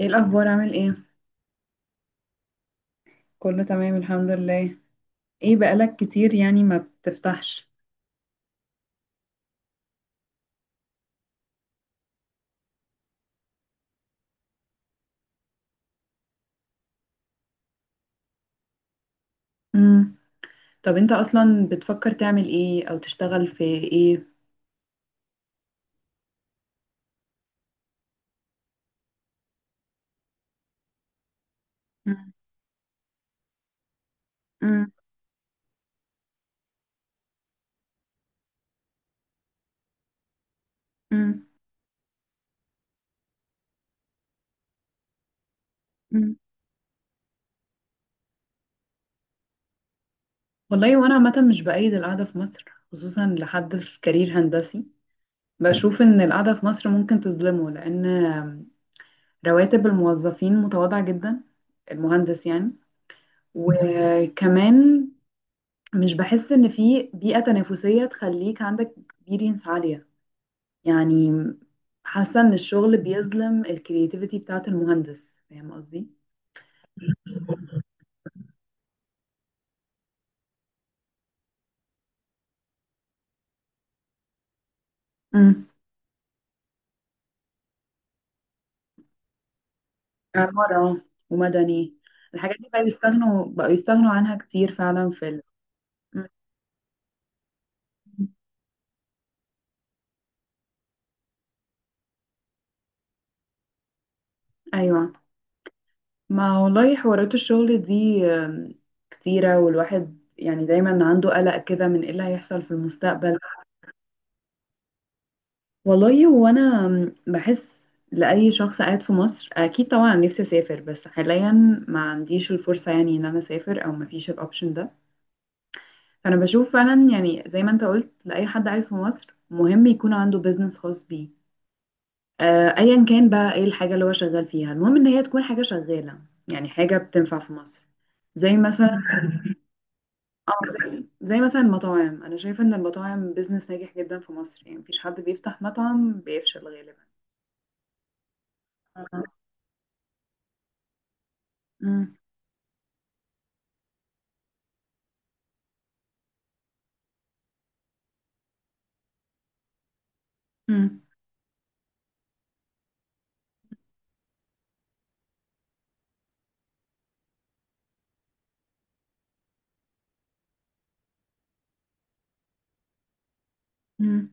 ايه الاخبار، عامل ايه؟ كله تمام، الحمد لله. ايه، بقالك كتير يعني ما بتفتحش؟ امم. طب انت اصلا بتفكر تعمل ايه، او تشتغل في ايه؟ مم. مم. مم. مم. والله وانا عامه مش بأيد القعده في مصر، خصوصا لحد في كارير هندسي. بشوف ان القعده في مصر ممكن تظلمه، لان رواتب الموظفين متواضعه جدا، المهندس يعني. وكمان مش بحس ان في بيئه تنافسيه تخليك عندك اكسبيرينس عاليه، يعني حاسة ان الشغل بيظلم الكرياتيفيتي بتاعت المهندس. فاهم قصدي؟ امم. عمارة ومدني. الحاجات دي بقى يستغنوا بقوا يستغنوا عنها كتير فعلا في ال. مم. ايوه، ما والله حوارات الشغل دي كتيرة، والواحد يعني دايما عنده قلق كده من ايه اللي هيحصل في المستقبل. والله هو انا بحس، لأي شخص قاعد في مصر اكيد طبعا نفسي اسافر، بس حاليا ما عنديش الفرصة يعني ان انا اسافر، او ما فيش الاوبشن ده. فانا بشوف فعلا يعني زي ما انت قلت، لاي حد عايش في مصر مهم يكون عنده بيزنس خاص بيه. ايا كان بقى ايه الحاجه اللي هو شغال فيها، المهم ان هي تكون حاجه شغاله، يعني حاجه بتنفع في مصر. زي مثلا زي مثلا المطاعم، انا شايفه ان المطاعم بيزنس ناجح جدا في مصر، يعني مفيش حد بيفتح مطعم بيفشل غالبا. مم. مم. مم.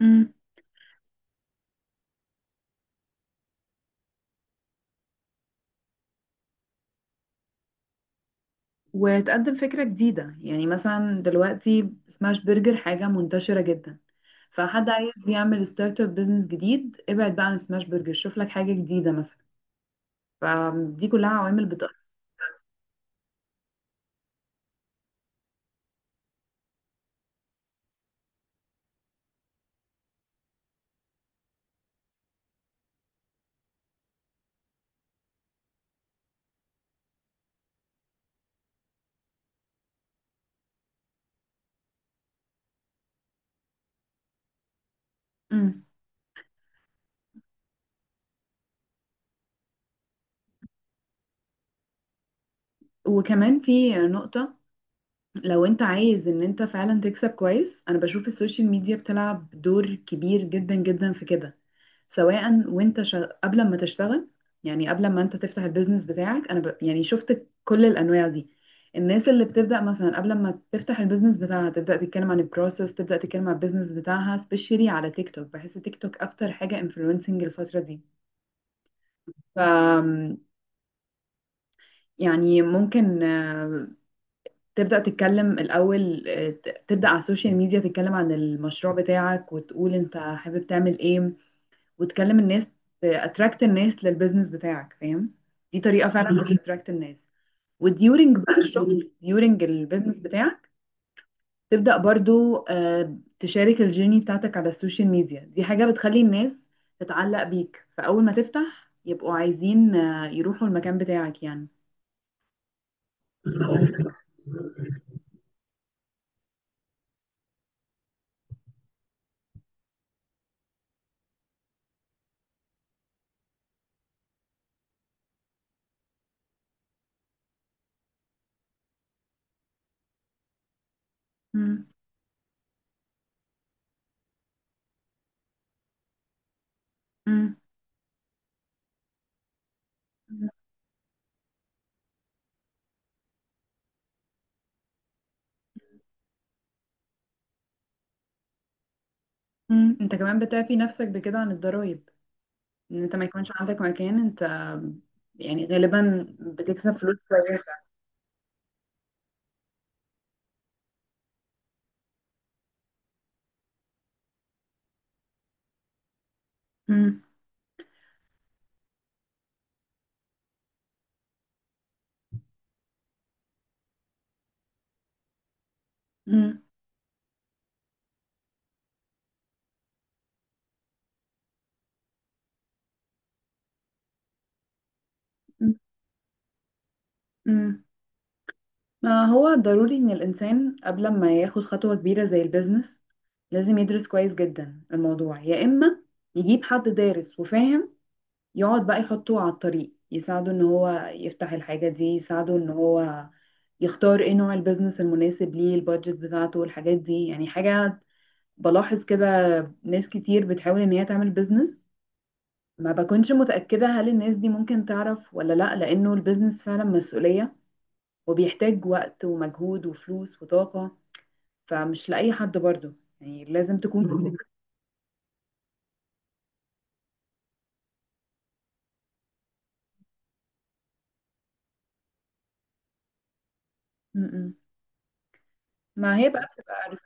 مم. وتقدم فكره جديده، يعني مثلا دلوقتي سماش برجر حاجه منتشره جدا، فحد عايز يعمل ستارت اب بزنس جديد ابعد بقى عن سماش برجر، شوف لك حاجة جديدة مثلا. فدي كلها عوامل بتأثر. امم. وكمان في نقطة، لو انت عايز ان انت فعلا تكسب كويس، انا بشوف السوشيال ميديا بتلعب دور كبير جدا جدا في كده. سواء وانت قبل ما تشتغل، يعني قبل ما انت تفتح البيزنس بتاعك، انا يعني شفت كل الانواع دي. الناس اللي بتبدا مثلا قبل ما تفتح البيزنس بتاعها تبدا تتكلم عن البروسيس، تبدا تتكلم عن البيزنس بتاعها، سبيشالي على تيك توك. بحس تيك توك اكتر حاجه انفلونسنج الفتره دي. ف يعني ممكن تبدأ تتكلم الأول، تبدأ على السوشيال ميديا تتكلم عن المشروع بتاعك وتقول أنت حابب تعمل إيه، وتكلم الناس، اتراكت الناس للبيزنس بتاعك، فاهم؟ دي طريقه فعلا بتتراكت الناس. وديورنج بقى الشغل، ديورنج البيزنس بتاعك، تبدا برضو تشارك الجيرني بتاعتك على السوشيال ميديا. دي حاجه بتخلي الناس تتعلق بيك، فاول ما تفتح يبقوا عايزين يروحوا المكان بتاعك يعني. مم. مم. مم. انت كمان بتعفي نفسك بكده عن الضرايب، ان انت ما يكونش عندك مكان. انت يعني غالبا بتكسب فلوس كويسة. مم. مم. أمم. ما هو ضروري إن الإنسان قبل ما ياخد خطوة كبيرة زي البيزنس، لازم يدرس كويس جدا الموضوع، يا إما يجيب حد دارس وفاهم يقعد بقى يحطه على الطريق، يساعده إن هو يفتح الحاجة دي، يساعده إن هو يختار إيه نوع البيزنس المناسب ليه، البادجت بتاعته والحاجات دي. يعني حاجة بلاحظ كده، ناس كتير بتحاول إن هي تعمل بيزنس، ما بكونش متأكدة هل الناس دي ممكن تعرف ولا لأ، لأنه البيزنس فعلا مسؤولية وبيحتاج وقت ومجهود وفلوس وطاقة. فمش لأي حد برضو، يعني لازم تكون م-م. ما هي بقى بتبقى عارف.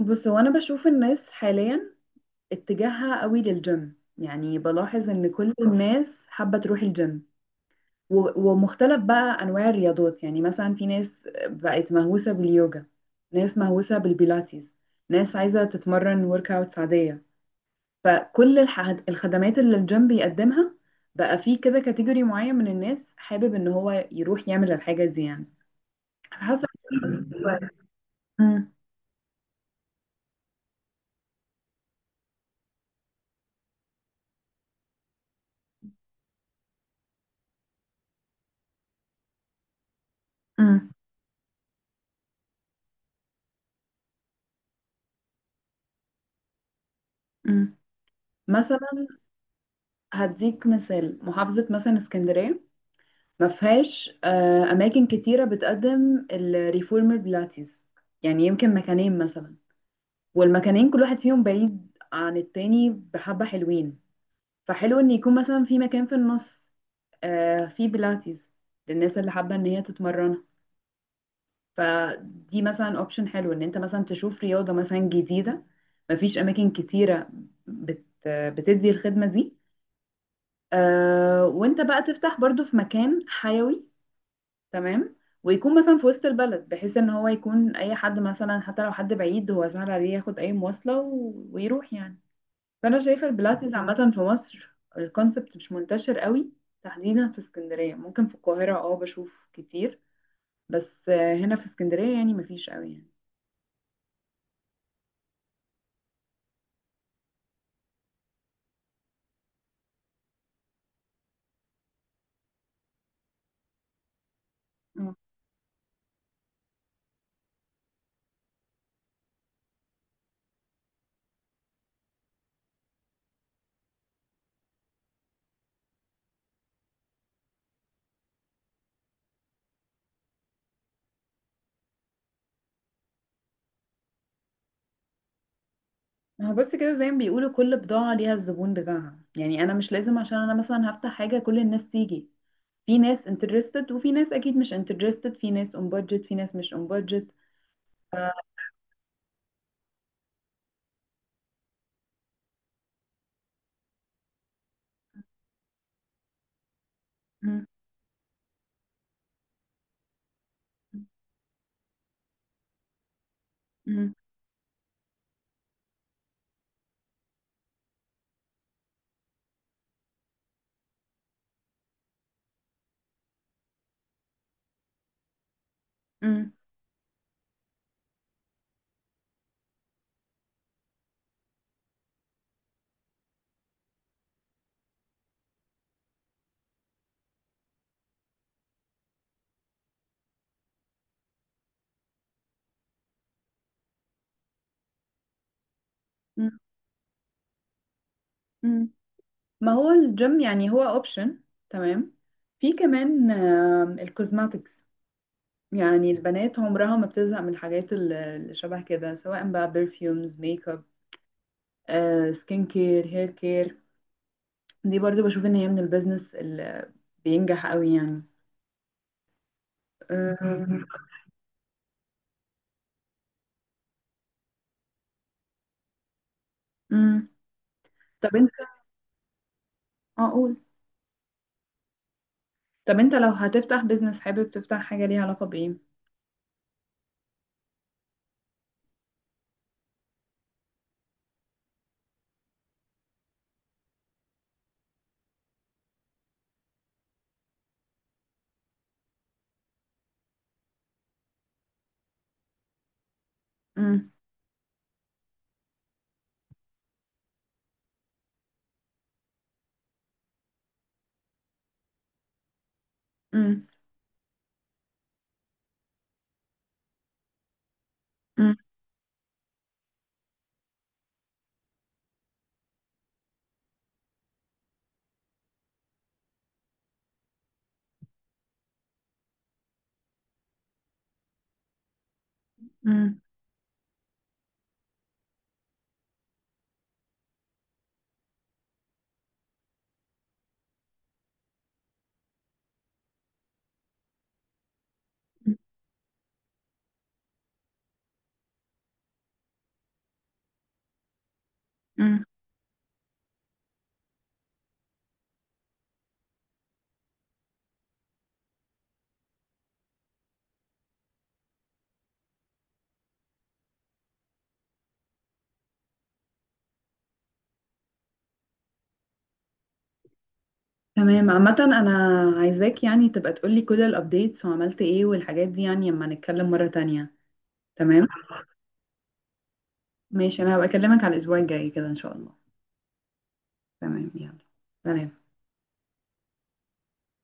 بص، هو أنا بشوف الناس حاليا اتجاهها قوي للجيم، يعني بلاحظ إن كل الناس حابة تروح الجيم، ومختلف بقى أنواع الرياضات. يعني مثلا في ناس بقت مهووسة باليوجا، ناس مهووسة بالبيلاتيز، ناس عايزة تتمرن ورك أوتس عادية، فكل الح- الخدمات اللي الجيم بيقدمها. بقى فيه كده كاتيجوري معين من الناس حابب ان هو يروح يعمل الحاجة دي، يعني حاسة. مم. مم. مم. مثلا هديك مثال، محافظة مثلا اسكندرية ما فيهاش أماكن كتيرة بتقدم الريفورمر بلاتيز، يعني يمكن مكانين مثلا، والمكانين كل واحد فيهم بعيد عن التاني بحبة حلوين. فحلو إن يكون مثلا في مكان في النص في بيلاتيز للناس اللي حابة ان هي تتمرنها. فدي مثلا اوبشن حلو، ان انت مثلا تشوف رياضة مثلا جديدة مفيش اماكن كتيرة بتدي الخدمة دي، وانت بقى تفتح برضو في مكان حيوي، تمام، ويكون مثلا في وسط البلد، بحيث ان هو يكون اي حد مثلا، حتى لو حد بعيد هو سهل عليه ياخد اي مواصلة ويروح يعني. فانا شايفة البيلاتيز عامة في مصر، الكونسبت مش منتشر قوي، تحديدا في اسكندرية. ممكن في القاهرة بشوف كتير، بس هنا في اسكندرية يعني مفيش قوي يعني. مم. ما هو بص كده، زي ما بيقولوا كل بضاعة ليها الزبون بتاعها. يعني أنا مش لازم عشان أنا مثلا هفتح حاجة كل الناس تيجي، في ناس interested وفي ناس أكيد مش interested، في ناس on budget في ناس مش on budget. ف... م- م- م- م- م. ما هو الجيم يعني هو option، تمام. في كمان الكوزماتكس، يعني البنات عمرها ما بتزهق من الحاجات اللي شبه كده، سواء بقى perfumes، makeup، سكين كير، هير كير. دي برضو بشوف ان هي من البيزنس اللي بينجح قوي يعني. آه، مم. طب انت اقول طب انت لو هتفتح بيزنس حابب تفتح حاجة ليها علاقة بايه؟ مم. مم. مم. مم. مم. تمام، عامة انا عايزاك يعني تبقى تقولي كل الابديتس وعملت ايه والحاجات دي، يعني لما نتكلم مرة تانية. تمام، ماشي، انا هبقى اكلمك على الاسبوع الجاي كده ان شاء الله. تمام، يلا، سلام.